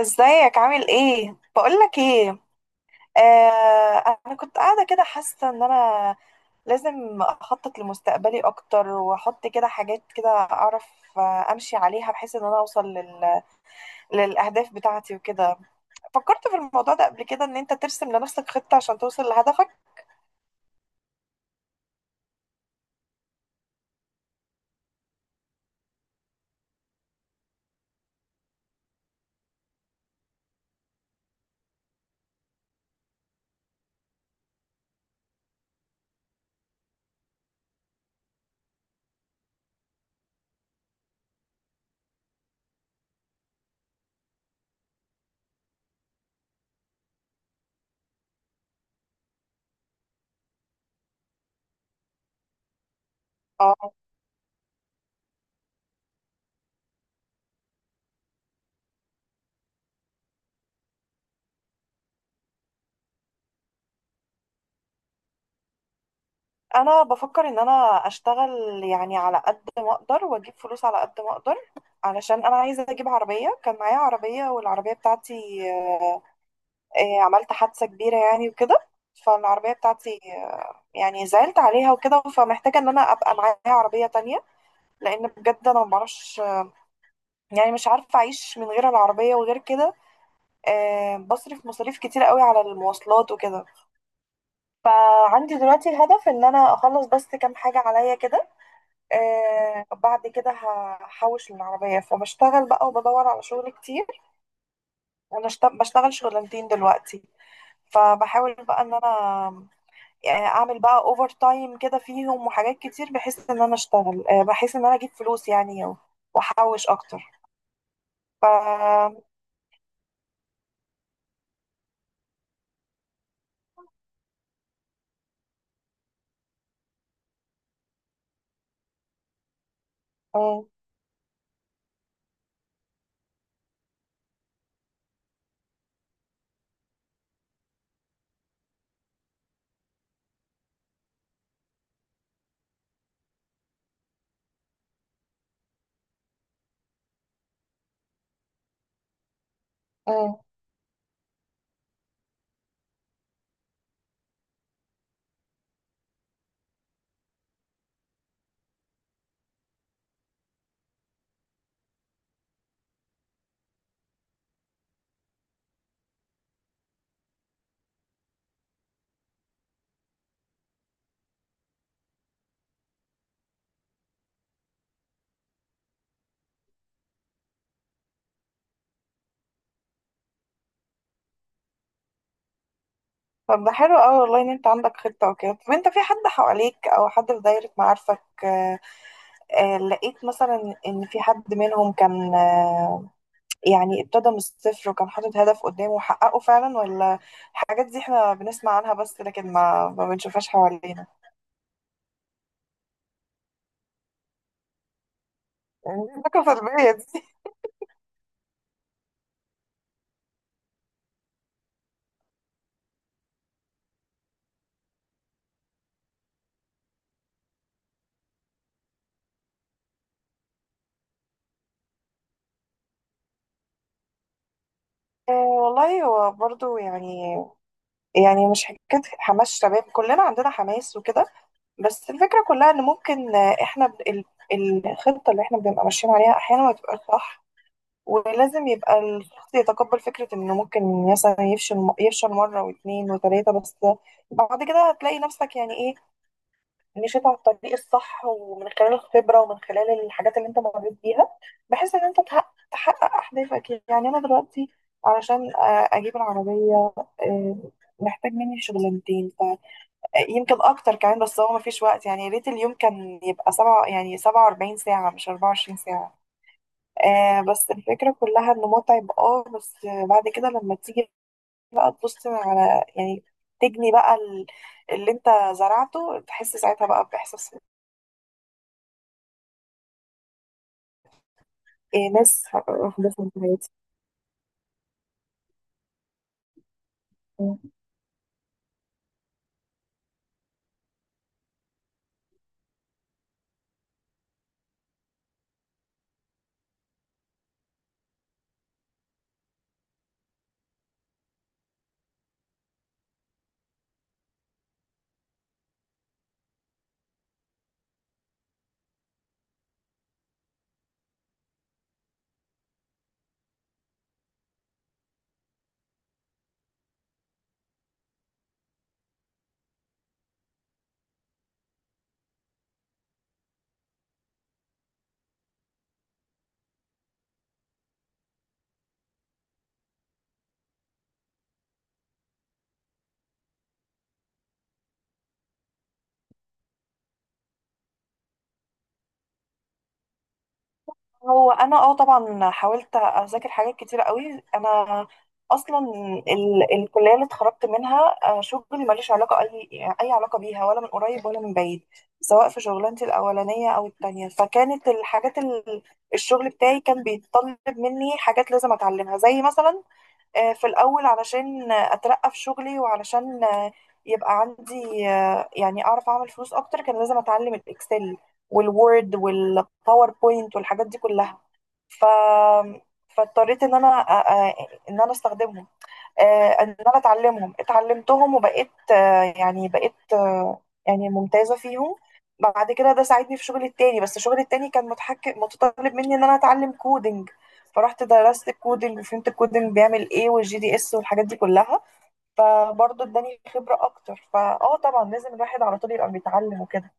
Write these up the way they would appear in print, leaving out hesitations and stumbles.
ازيك؟ عامل ايه؟ بقولك ايه. انا كنت قاعده كده حاسه ان انا لازم اخطط لمستقبلي اكتر، واحط كده حاجات كده اعرف، امشي عليها بحيث ان انا اوصل للاهداف بتاعتي وكده. فكرت في الموضوع ده قبل كده، ان انت ترسم لنفسك خطه عشان توصل لهدفك. اه انا بفكر ان انا اشتغل يعني على قد ما اقدر، واجيب فلوس على قد ما اقدر، علشان انا عايزه اجيب عربيه. كان معايا عربيه، والعربيه بتاعتي عملت حادثة كبيرة يعني وكده. فالعربية بتاعتي يعني زعلت عليها وكده، فمحتاجة ان انا ابقى معايا عربية تانية. لان بجد انا ما بعرفش، يعني مش عارفة اعيش من غير العربية وغير كده. بصرف مصاريف كتير قوي على المواصلات وكده. فعندي دلوقتي الهدف ان انا اخلص بس كام حاجة عليا كده. بعد كده هحوش للعربية، فبشتغل بقى وبدور على شغل كتير. انا بشتغل شغلانتين دلوقتي. فبحاول بقى ان انا اعمل بقى اوفر تايم كده فيهم وحاجات كتير، بحيث ان انا اشتغل، بحيث ان انا اجيب فلوس يعني واحوش اكتر. ف مم، مم. طب ده حلو قوي والله، ان انت عندك خطة وكده. طب انت في حد حواليك او حد في دايرة معارفك لقيت مثلا ان في حد منهم كان يعني ابتدى من الصفر، وكان حاطط هدف قدامه وحققه فعلا؟ ولا الحاجات دي احنا بنسمع عنها بس لكن ما بنشوفهاش حوالينا، يعني دي الثقافة السلبية دي؟ والله هو برضو يعني، يعني مش حكاية حماس شباب، كلنا عندنا حماس وكده. بس الفكرة كلها ان ممكن، الخطة اللي احنا بنبقى ماشيين عليها احيانا ما تبقاش صح. ولازم يبقى الشخص يتقبل فكرة انه ممكن مثلا يفشل، يفشل مرة واثنين وثلاثة. بس بعد كده هتلاقي نفسك، يعني ايه، مشيت على الطريق الصح، ومن خلال الخبرة ومن خلال الحاجات اللي انت مريت بيها، بحيث ان انت تحقق اهدافك. يعني انا دلوقتي علشان اجيب العربية، آه، محتاج مني شغلانتين، فيمكن اكتر كمان. بس هو مفيش وقت، يعني يا ريت اليوم كان يبقى سبعة، يعني 47 ساعة، مش 24 ساعة. بس الفكرة كلها انه متعب، اه. بس بعد كده لما تيجي بقى تبص على، يعني تجني بقى اللي انت زرعته، تحس ساعتها بقى بإحساس. إيه، ناس أحداثهم في حياتي. مم. هو انا طبعا حاولت اذاكر حاجات كتيرة قوي. انا اصلا الكليه اللي اتخرجت منها شغلي ماليش علاقه، اي علاقه بيها، ولا من قريب ولا من بعيد، سواء في شغلانتي الاولانيه او التانية. فكانت الشغل بتاعي كان بيتطلب مني حاجات لازم اتعلمها. زي مثلا في الأول، علشان أترقى في شغلي، وعلشان يبقى عندي يعني أعرف أعمل فلوس أكتر، كان لازم أتعلم الإكسل والوورد والباوربوينت والحاجات دي كلها. ف... فاضطريت إن أنا إن أنا أستخدمهم، ان انا اتعلمتهم وبقيت يعني بقيت يعني ممتازة فيهم. بعد كده ده ساعدني في شغلي التاني. بس شغلي التاني كان متطلب مني ان انا اتعلم كودينج. فرحت درست الكودينج، وفهمت الكودينج بيعمل ايه، والجي دي اس والحاجات دي كلها. فبرضه اداني خبرة اكتر. فاه، طبعا لازم الواحد على طول يبقى بيتعلم وكده.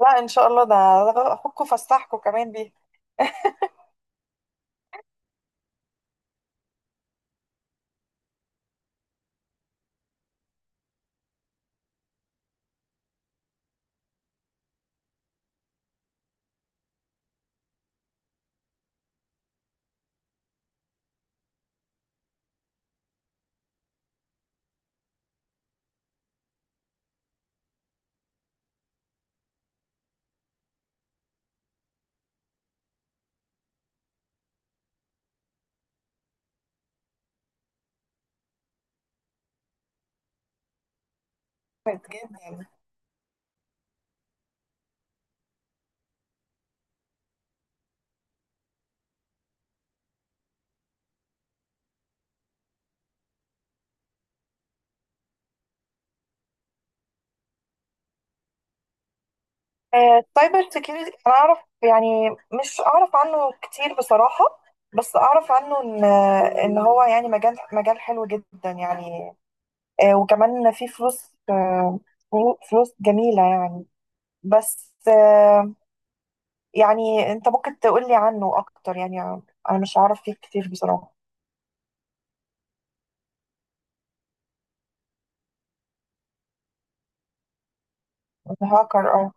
لا ان شاء الله، ده اخوكوا فسحكوا كمان بيه. جدا. السايبر سيكيورتي انا اعرف يعني، مش اعرف عنه كتير بصراحة. بس اعرف عنه ان هو يعني مجال، مجال حلو جدا يعني. وكمان فيه فلوس، فلوس جميلة يعني. بس يعني انت ممكن تقولي عنه اكتر يعني، انا مش عارف فيه كتير بصراحة. هاكر، اه.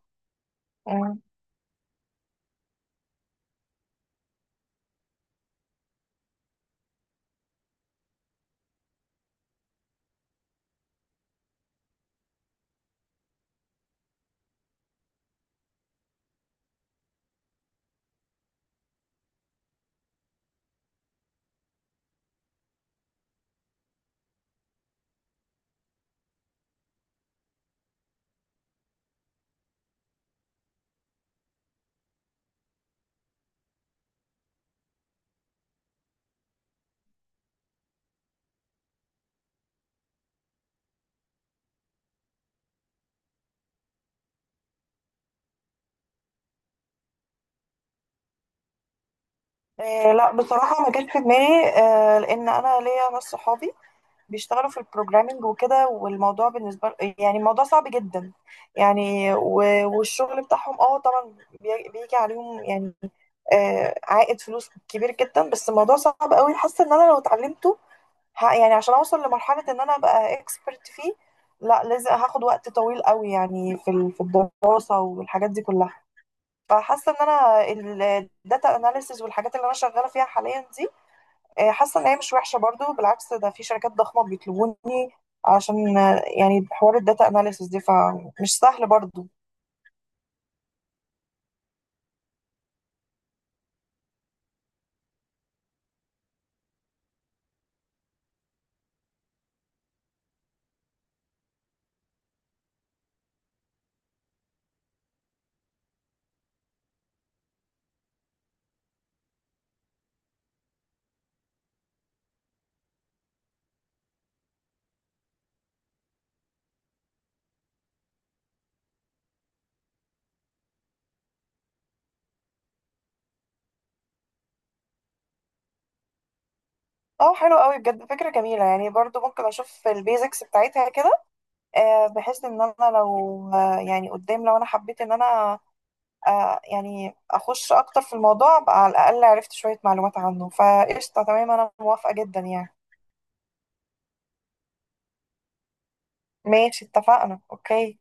لا بصراحة ما جاش في دماغي، لأن أنا ليا ناس صحابي بيشتغلوا في البروجرامينج وكده. والموضوع بالنسبة يعني الموضوع صعب جدا يعني، والشغل بتاعهم اه طبعا بيجي عليهم يعني آه عائد فلوس كبير جدا. بس الموضوع صعب قوي، حاسة ان انا لو اتعلمته، يعني عشان اوصل لمرحلة ان انا ابقى اكسبرت فيه، لا لازم هاخد وقت طويل قوي، يعني في الدراسة والحاجات دي كلها. فحاسة ان انا الداتا اناليسز والحاجات اللي انا شغالة فيها حاليا دي، حاسه ان هي مش وحشه برضو. بالعكس، ده في شركات ضخمه بيطلبوني، عشان يعني حوار الداتا اناليسيس دي، فمش سهل برضو. اه حلو قوي بجد، فكره جميله يعني. برضو ممكن اشوف البيزكس بتاعتها كده، بحيث ان انا لو يعني قدام، لو انا حبيت ان انا يعني اخش اكتر في الموضوع، ابقى على الاقل عرفت شويه معلومات عنه. فقشطه، تمام، انا موافقه جدا يعني. ماشي، اتفقنا، اوكي.